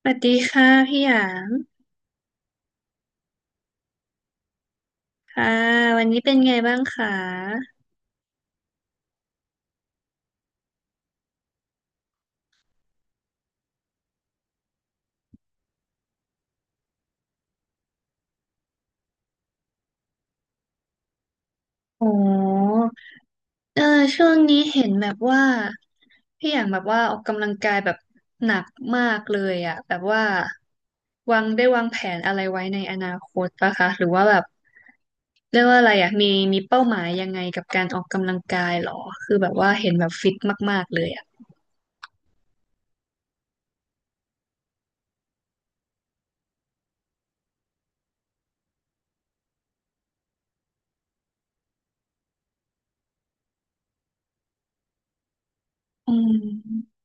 สวัสดีค่ะพี่หยางค่ะวันนี้เป็นไงบ้างคะโอ้เออช่วงนี้เห็นแบบว่าพี่หยางแบบว่าออกกำลังกายแบบหนักมากเลยอะแบบว่าวางแผนอะไรไว้ในอนาคตปะคะหรือว่าแบบเรียกว่าอะไรอะมีเป้าหมายยังไงกับการออกกำลังกายหรอคือแบบว่าเห็นแบบฟิตมากๆเลยอะอืม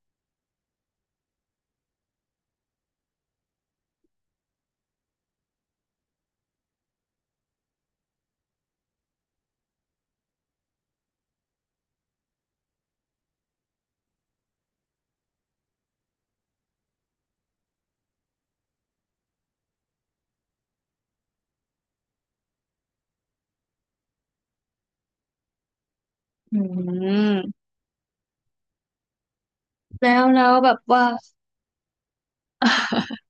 อืมแล้วแบบว่า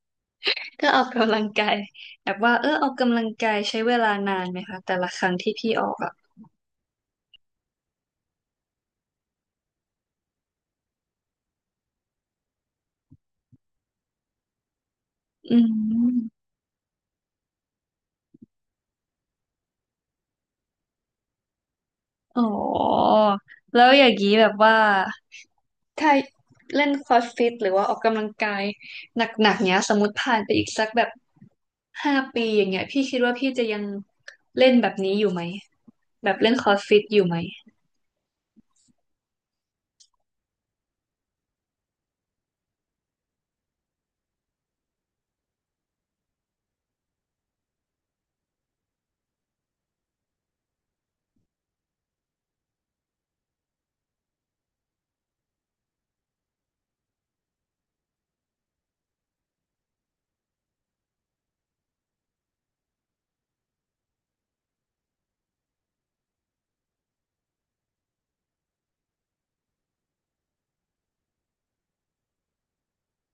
ก็ออกกำลังกายแบบว่าเออออกกำลังกายใช้เวลานานไหมคะแต่ละครั้งที่พี่ออกอ่ะอืมอ๋อแล้วอย่างนี้แบบว่าถ้าเล่นครอสฟิตหรือว่าออกกำลังกายหนักๆเนี้ยสมมติผ่านไปอีกสักแบบห้าปีอย่างเงี้ยพี่คิดว่าพี่จะยังเล่นแบบนี้อยู่ไหมแบบเล่นครอสฟิตอยู่ไหม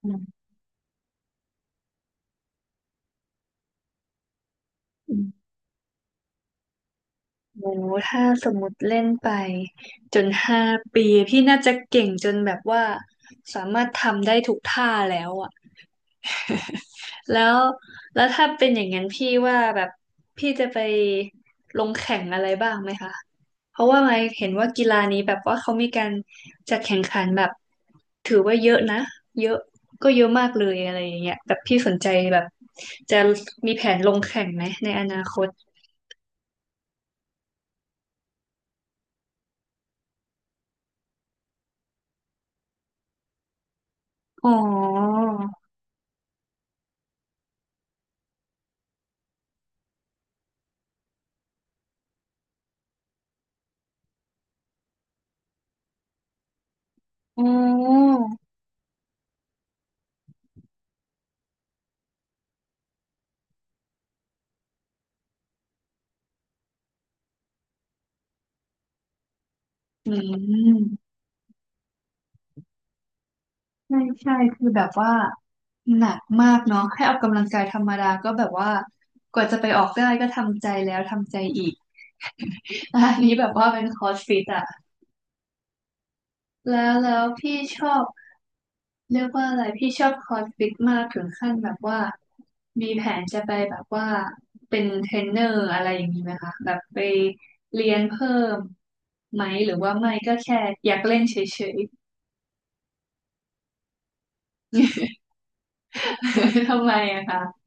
อืม โอ้ถ้าสมมติเล่นไปจนห้าปีพี่น่าจะเก่งจนแบบว่าสามารถทำได้ทุกท่าแล้วอ่ะ แล้วแล้วถ้าเป็นอย่างนั้นพี่ว่าแบบพี่จะไปลงแข่งอะไรบ้างไหมคะเพราะว่าไมค์เห็นว่ากีฬานี้แบบว่าเขามีการจัดแข่งขันแบบถือว่าเยอะนะเยอะก็เยอะมากเลยอะไรอย่างเงี้ยแบบพี่สนใจแบบจะมีแผนลงแข่งไหมในอนาคตอ๋อ อ๋ออืมใช่ใช่คือแบบว่าหนักมากเนาะแค่ออกกำลังกายธรรมดาก็แบบว่ากว่าจะไปออกได้ก็ทำใจแล้วทำใจอีก อันนี้แบบว่าเป็นคอร์สฟิตอะแล้วพี่ชอบเรียกว่าอะไรพี่ชอบคอร์สฟิตมากถึงขั้นแบบว่ามีแผนจะไปแบบว่าเป็นเทรนเนอร์อะไรอย่างนี้ไหมคะแบบไปเรียนเพิ่มไหมหรือว่าไม่ก็แค่อยากเล่นเฉยๆ ทำไมอะคะ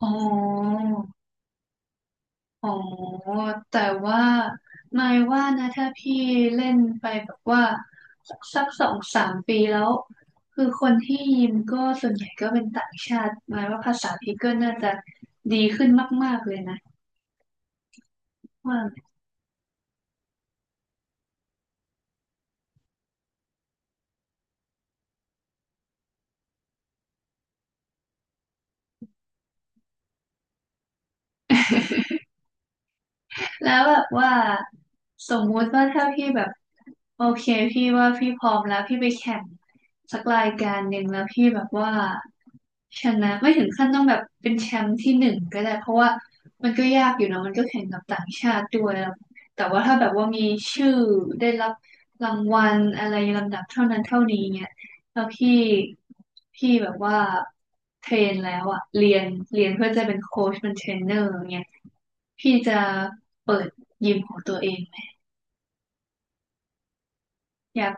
อ๋อ อ๋อ แต่ว่านายว่านะถ้าพี่เล่นไปแบบว่าสัก2-3 ปีแล้ว คือคนที่ยิมก็ส่วนใหญ่ก็เป็นต่างชาติหมายว่าภาษาพี่ก็น่าจะดีขึ้นมากๆเลยนะว่า แล้วแบบว่าสมมุติว่าถ้าพี่แบบโอเคพี่ว่าพี่พร้อมแล้วพี่ไปแข่งสักรายการหนึ่งแล้วพี่แบบว่าชนะไม่ถึงขั้นต้องแบบเป็นแชมป์ที่หนึ่งก็ได้เพราะว่ามันก็ยากอยู่เนอะมันก็แข่งกับต่างชาติด้วยแล้วแต่ว่าถ้าแบบว่ามีชื่อได้รับรางวัลอะไรลำดับเท่านั้นเท่านี้เนี่ย แล้วพี่แบบว่าเทรนแล้วอะเรียนเรียนเพื่อจะเป็นโค้ชเป็นเทรนเนอร์อย่างเงี้ยพี่จะเปิดยิมของตัวเองไหมอยาก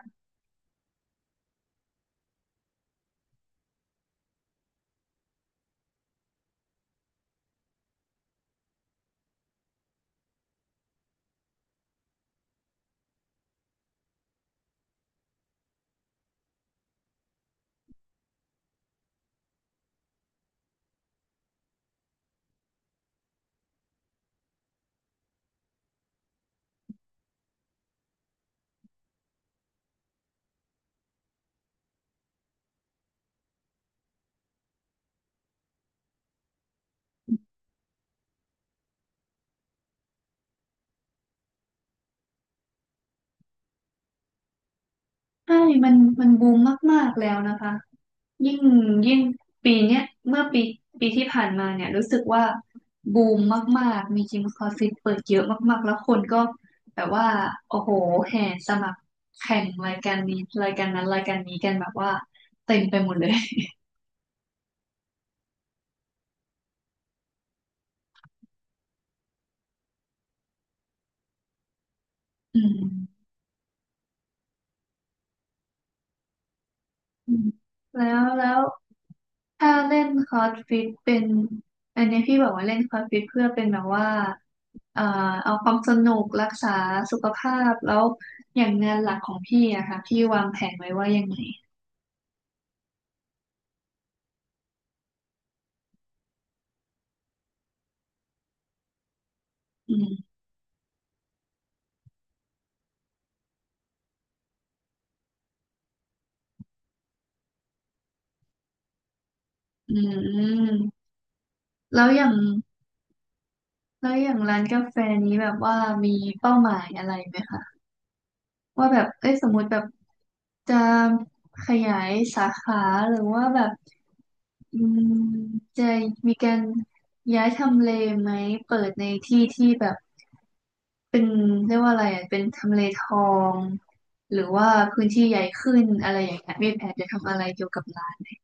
ใช่มันมันบูมมากๆแล้วนะคะยิ่งยิ่งปีเนี้ยเมื่อปีปีที่ผ่านมาเนี่ยรู้สึกว่าบูมมากๆมียิมคลาสสิกเปิดเยอะมากๆแล้วคนก็แบบว่าโอ้โหแห่สมัครแข่งรายการนี้รายการนั้นรายการนี้กันแบบว่าเต็มไปหมดเลย อืม อืมแล้วถ้าเล่นคอร์สฟิตเป็นอันนี้พี่บอกว่าเล่นคอร์สฟิตเพื่อเป็นแบบว่าเอ่อเอาความสนุกรักษาสุขภาพแล้วอย่างงานหลักของพี่อะค่ะพี่วางแผนไว้ว่ายังไงอืมอืมแล้วอย่างแล้วอย่างร้านกาแฟนี้แบบว่ามีเป้าหมายอะไรไหมคะว่าแบบเอ้ยสมมติแบบจะขยายสาขาหรือว่าแบบ อืมจะมีการย้ายทำเลไหมเปิดในที่ที่แบบเป็นเรียกว่าอะไรอ่ะเป็นทำเลทองหรือว่าพื้นที่ใหญ่ขึ้นอะไรอย่างเงี้ยมีแผนจะทำอะไรเกี่ยวกับร้าน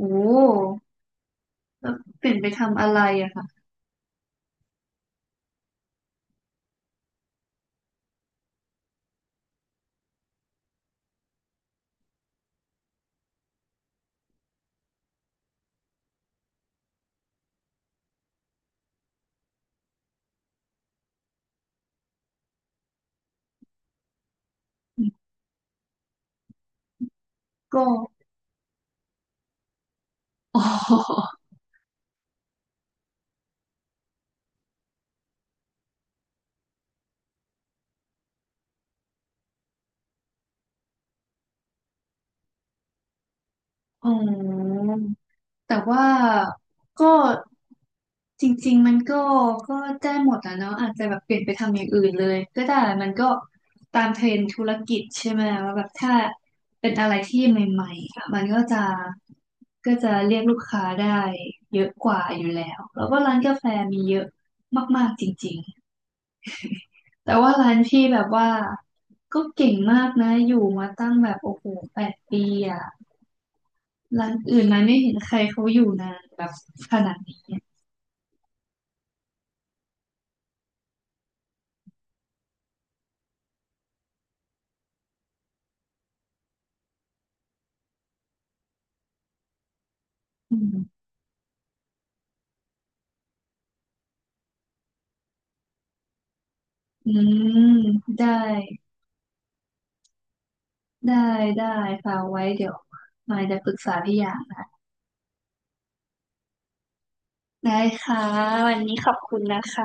โอ้แล้วเปลี่ยนไปทำอะไรอะค่ะก็ อ๋ออ๋อแต่ว่าก็ จริงๆมันก็ก็ได้หมดอะเนาะอาจจะแบบเปลี่ยนไปทำอย่างอื่นเลยก็ได้มันก็ตามเทรนด์ธุรกิจใช่ไหมว่าแบบถ้าเป็นอะไรที่ใหม่ๆอะมันก็จะเรียกลูกค้าได้เยอะกว่าอยู่แล้วแล้วก็ร้านกาแฟมีเยอะมากๆจริงๆแต่ว่าร้านพี่แบบว่าก็เก่งมากนะอยู่มาตั้งแบบโอ้โห8 ปีอะร้านอื่นมันไม่เห็นใครเขาอยู่นานแบบขนาดนี้อะอืมอืมได้ ได้ได้ค่ะไว้เดี๋ยวมายจะปรึกษาพี่อย่างนะได้ค่ะวันนี้ขอบคุณนะคะ